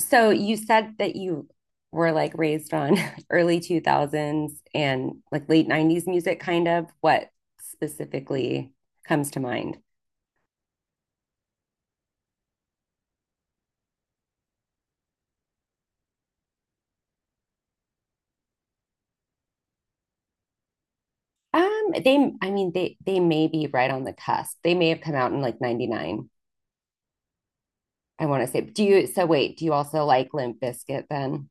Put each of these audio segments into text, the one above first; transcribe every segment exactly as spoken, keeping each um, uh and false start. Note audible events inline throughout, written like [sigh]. So you said that you were like raised on [laughs] early two thousands and like late nineties music kind of. What specifically comes to mind? Um, they I mean they they may be right on the cusp. They may have come out in like ninety-nine. I want to say. Do you so wait, do you also like Limp Bizkit then?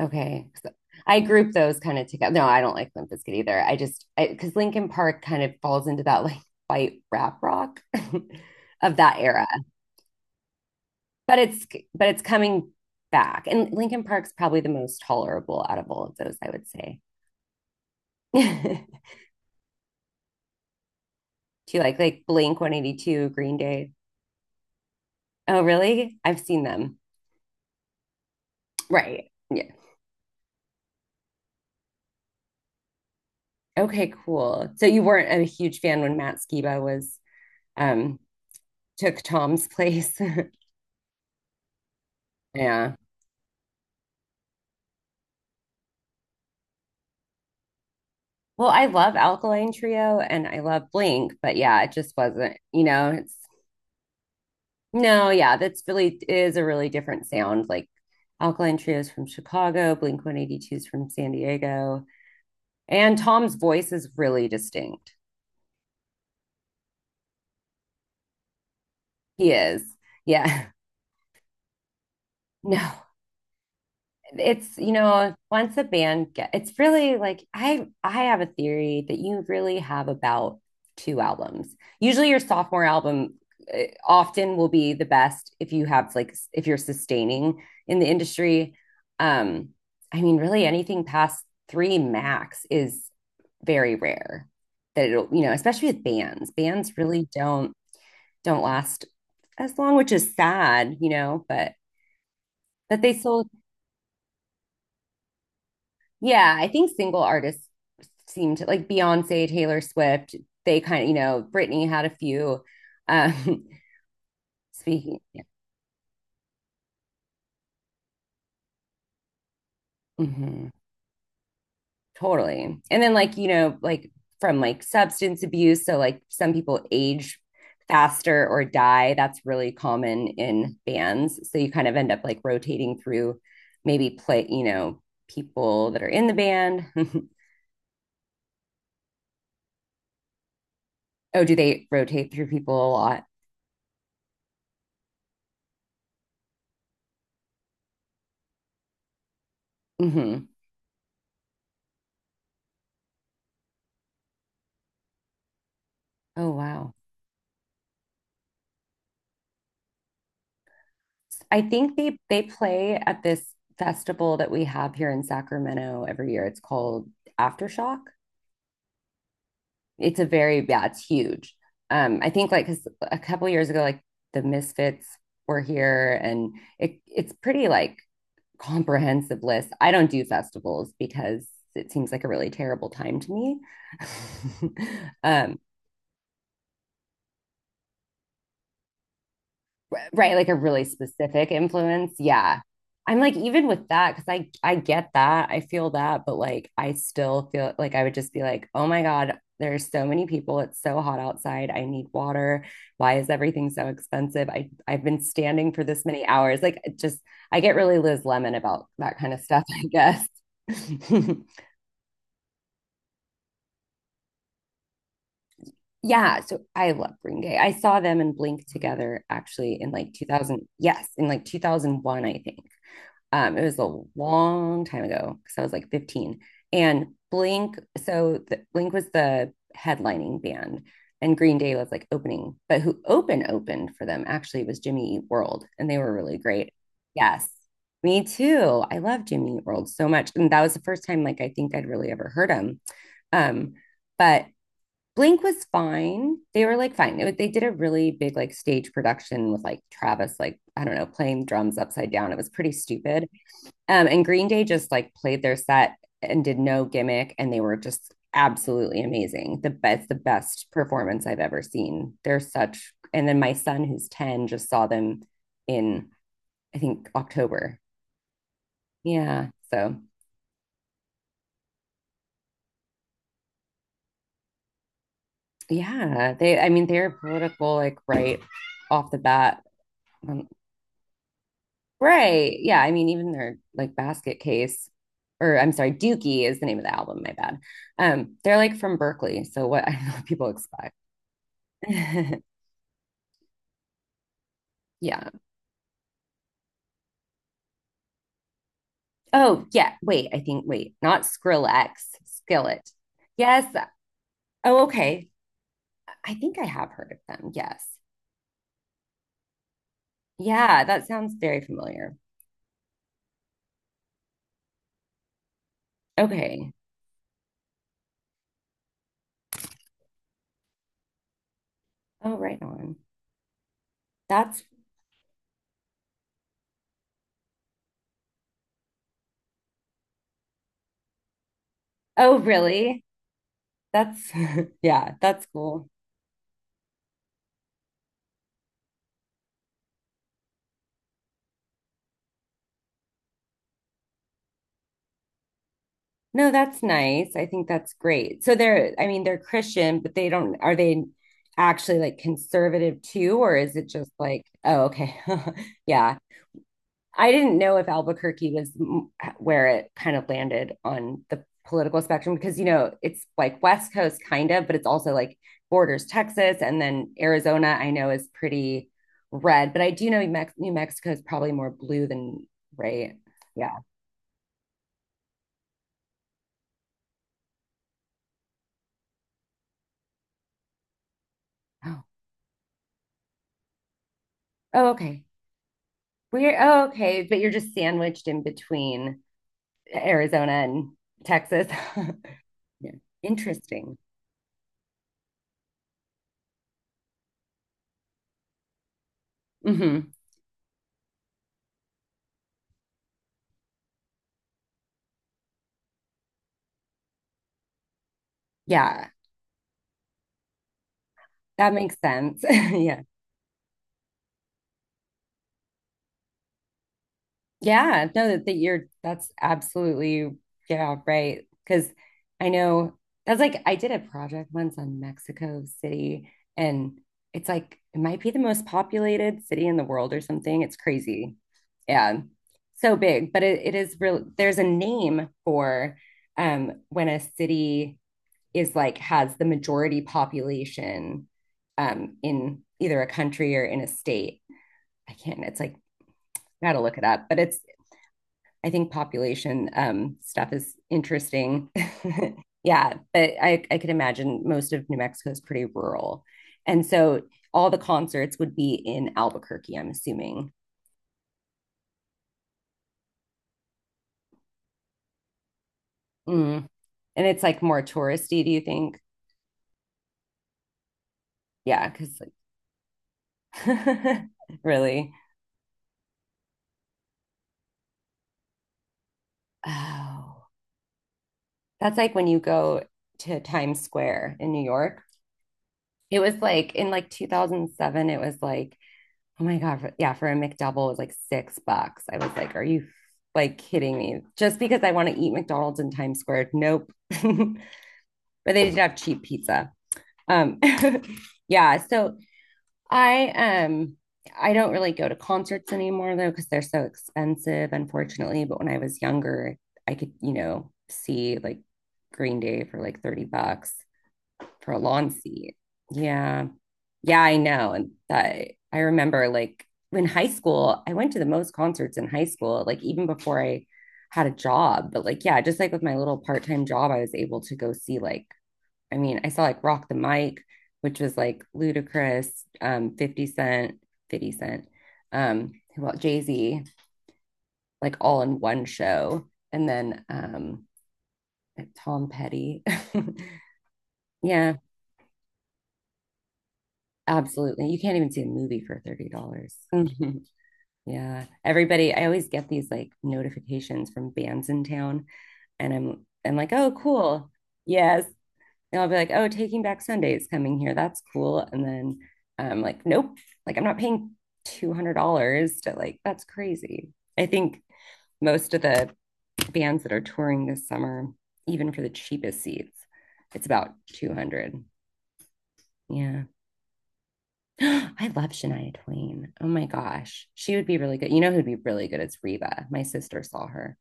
Okay. So I group those kind of together. No, I don't like Limp Bizkit either. I just I, because Linkin Park kind of falls into that like white rap rock [laughs] of that era. but it's but it's coming back. And Lincoln Park's probably the most tolerable out of all of those, I would say. [laughs] Do you like like Blink one eighty-two, Green Day? Oh, really? I've seen them. Right. Yeah. Okay, cool. So you weren't a huge fan when Matt Skiba was um took Tom's place. [laughs] Yeah. Well, I love Alkaline Trio and I love Blink, but yeah, it just wasn't, you know, it's no, yeah, that's really is a really different sound. Like Alkaline Trio's from Chicago, Blink One Eighty Two's from San Diego, and Tom's voice is really distinct. He is. Yeah. [laughs] No, It's, you know, once a band get, it's really like I I have a theory that you really have about two albums. Usually your sophomore album eh, often will be the best if you have like s- if you're sustaining in the industry. Um, I mean, really anything past three max is very rare that it'll, you know, especially with bands. Bands really don't don't last as long, which is sad, you know, but but they still. Yeah, I think single artists seem to like Beyonce, Taylor Swift, they kind of, you know, Britney had a few. Um, [laughs] speaking, yeah, hmm totally. And then, like, you know, like from like substance abuse. So, like, some people age faster or die. That's really common in bands. So, you kind of end up like rotating through maybe play, you know, people that are in the band. [laughs] Oh, do they rotate through people a lot? hmm Oh, wow. I think they they play at this festival that we have here in Sacramento every year. It's called Aftershock. It's a very, yeah, it's huge. Um, I think like because a couple years ago, like the Misfits were here, and it it's pretty like comprehensive list. I don't do festivals because it seems like a really terrible time to me. [laughs] Um, right, like a really specific influence, yeah. I'm like, even with that, because i i get that, I feel that, but like I still feel like I would just be like, oh my god, there's so many people, it's so hot outside, I need water, why is everything so expensive, i i've been standing for this many hours, like it just, I get really Liz Lemon about that kind of stuff, I guess. [laughs] Yeah, so I love Green Day. I saw them and Blink together actually in like two thousand, yes, in like two thousand one, I think. Um, it was a long time ago because I was like fifteen. And Blink, so the, Blink was the headlining band, and Green Day was like opening. But who open opened for them actually was Jimmy Eat World, and they were really great. Yes, me too. I love Jimmy Eat World so much, and that was the first time like I think I'd really ever heard him. Um, but Blink was fine. They were like fine. It they did a really big like stage production with like Travis, like I don't know, playing drums upside down. It was pretty stupid. Um, and Green Day just like played their set and did no gimmick, and they were just absolutely amazing. The best, the best performance I've ever seen. They're such. And then my son, who's ten, just saw them in, I think, October. Yeah. So yeah, they, I mean, they're political, like right off the bat. Um, right. Yeah. I mean, even their like basket case. Or I'm sorry, Dookie is the name of the album. My bad. Um, they're like from Berkeley, so what, [laughs] I know what people expect. [laughs] Yeah. Oh, yeah. Wait, I think, wait, not Skrillex, Skillet. Yes. Oh, okay. I think I have heard of them. Yes. Yeah, that sounds very familiar. Okay. Oh, right on. That's, oh, really? That's, [laughs] yeah, that's cool. No, that's nice. I think that's great. So they're, I mean, they're Christian, but they don't, are they actually like conservative too? Or is it just like, oh, okay. [laughs] Yeah. I didn't know if Albuquerque was where it kind of landed on the political spectrum because, you know, it's like West Coast kind of, but it's also like borders Texas, and then Arizona, I know, is pretty red, but I do know Mex- New Mexico is probably more blue than right. Yeah. [gasps] Oh, oh, okay. We're, oh, okay, but you're just sandwiched in between Arizona and Texas. [laughs] Yeah. Interesting. hmm Yeah, that makes sense. [laughs] Yeah. Yeah, no, that, that you're, that's absolutely, yeah, right. Because I know that's like I did a project once on Mexico City, and it's like it might be the most populated city in the world or something. It's crazy. Yeah. So big, but it, it is real. There's a name for um when a city is like has the majority population um in either a country or in a state. I can't, it's like gotta look it up, but it's, I think population um, stuff is interesting. [laughs] Yeah, but I, I could imagine most of New Mexico is pretty rural. And so all the concerts would be in Albuquerque, I'm assuming. Mm. And it's like more touristy, do you think? Yeah, because like, [laughs] really. Oh, that's like when you go to Times Square in New York. It was like in like two thousand seven, it was like, oh my god. For, yeah, for a McDouble was like six bucks. I was like, are you like kidding me? Just because I want to eat McDonald's in Times Square. Nope. [laughs] but they did have cheap pizza. Um, [laughs] yeah. So I um I don't really go to concerts anymore though, because they're so expensive, unfortunately. But when I was younger, I could, you know, see like Green Day for like thirty bucks for a lawn seat. Yeah. Yeah, I know. And I I remember like in high school, I went to the most concerts in high school, like even before I had a job. But like, yeah, just like with my little part-time job, I was able to go see like, I mean, I saw like Rock the Mic, which was like Ludacris, um, fifty Cent, fifty Cent, um, who else? Jay-Z, like all in one show. And then um Tom Petty. [laughs] Yeah, absolutely. You can't even see a movie for thirty dollars. [laughs] Yeah. Everybody, I always get these like notifications from bands in town, and I'm I'm like, "Oh, cool. Yes." And I'll be like, "Oh, Taking Back Sunday is coming here. That's cool." And then I'm like, "Nope. Like I'm not paying two hundred dollars to like that's crazy." I think most of the bands that are touring this summer, even for the cheapest seats, it's about two hundred. Yeah. [gasps] I love Shania Twain. Oh my gosh. She would be really good. You know who'd be really good? It's Reba. My sister saw her.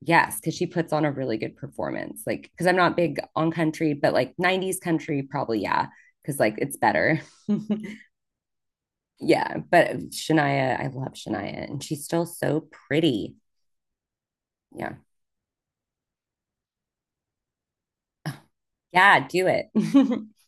Yes, because she puts on a really good performance. Like, because I'm not big on country, but like nineties country, probably, yeah, because like it's better. [laughs] Yeah. But Shania, I love Shania and she's still so pretty. Yeah. Yeah. Do it. [laughs]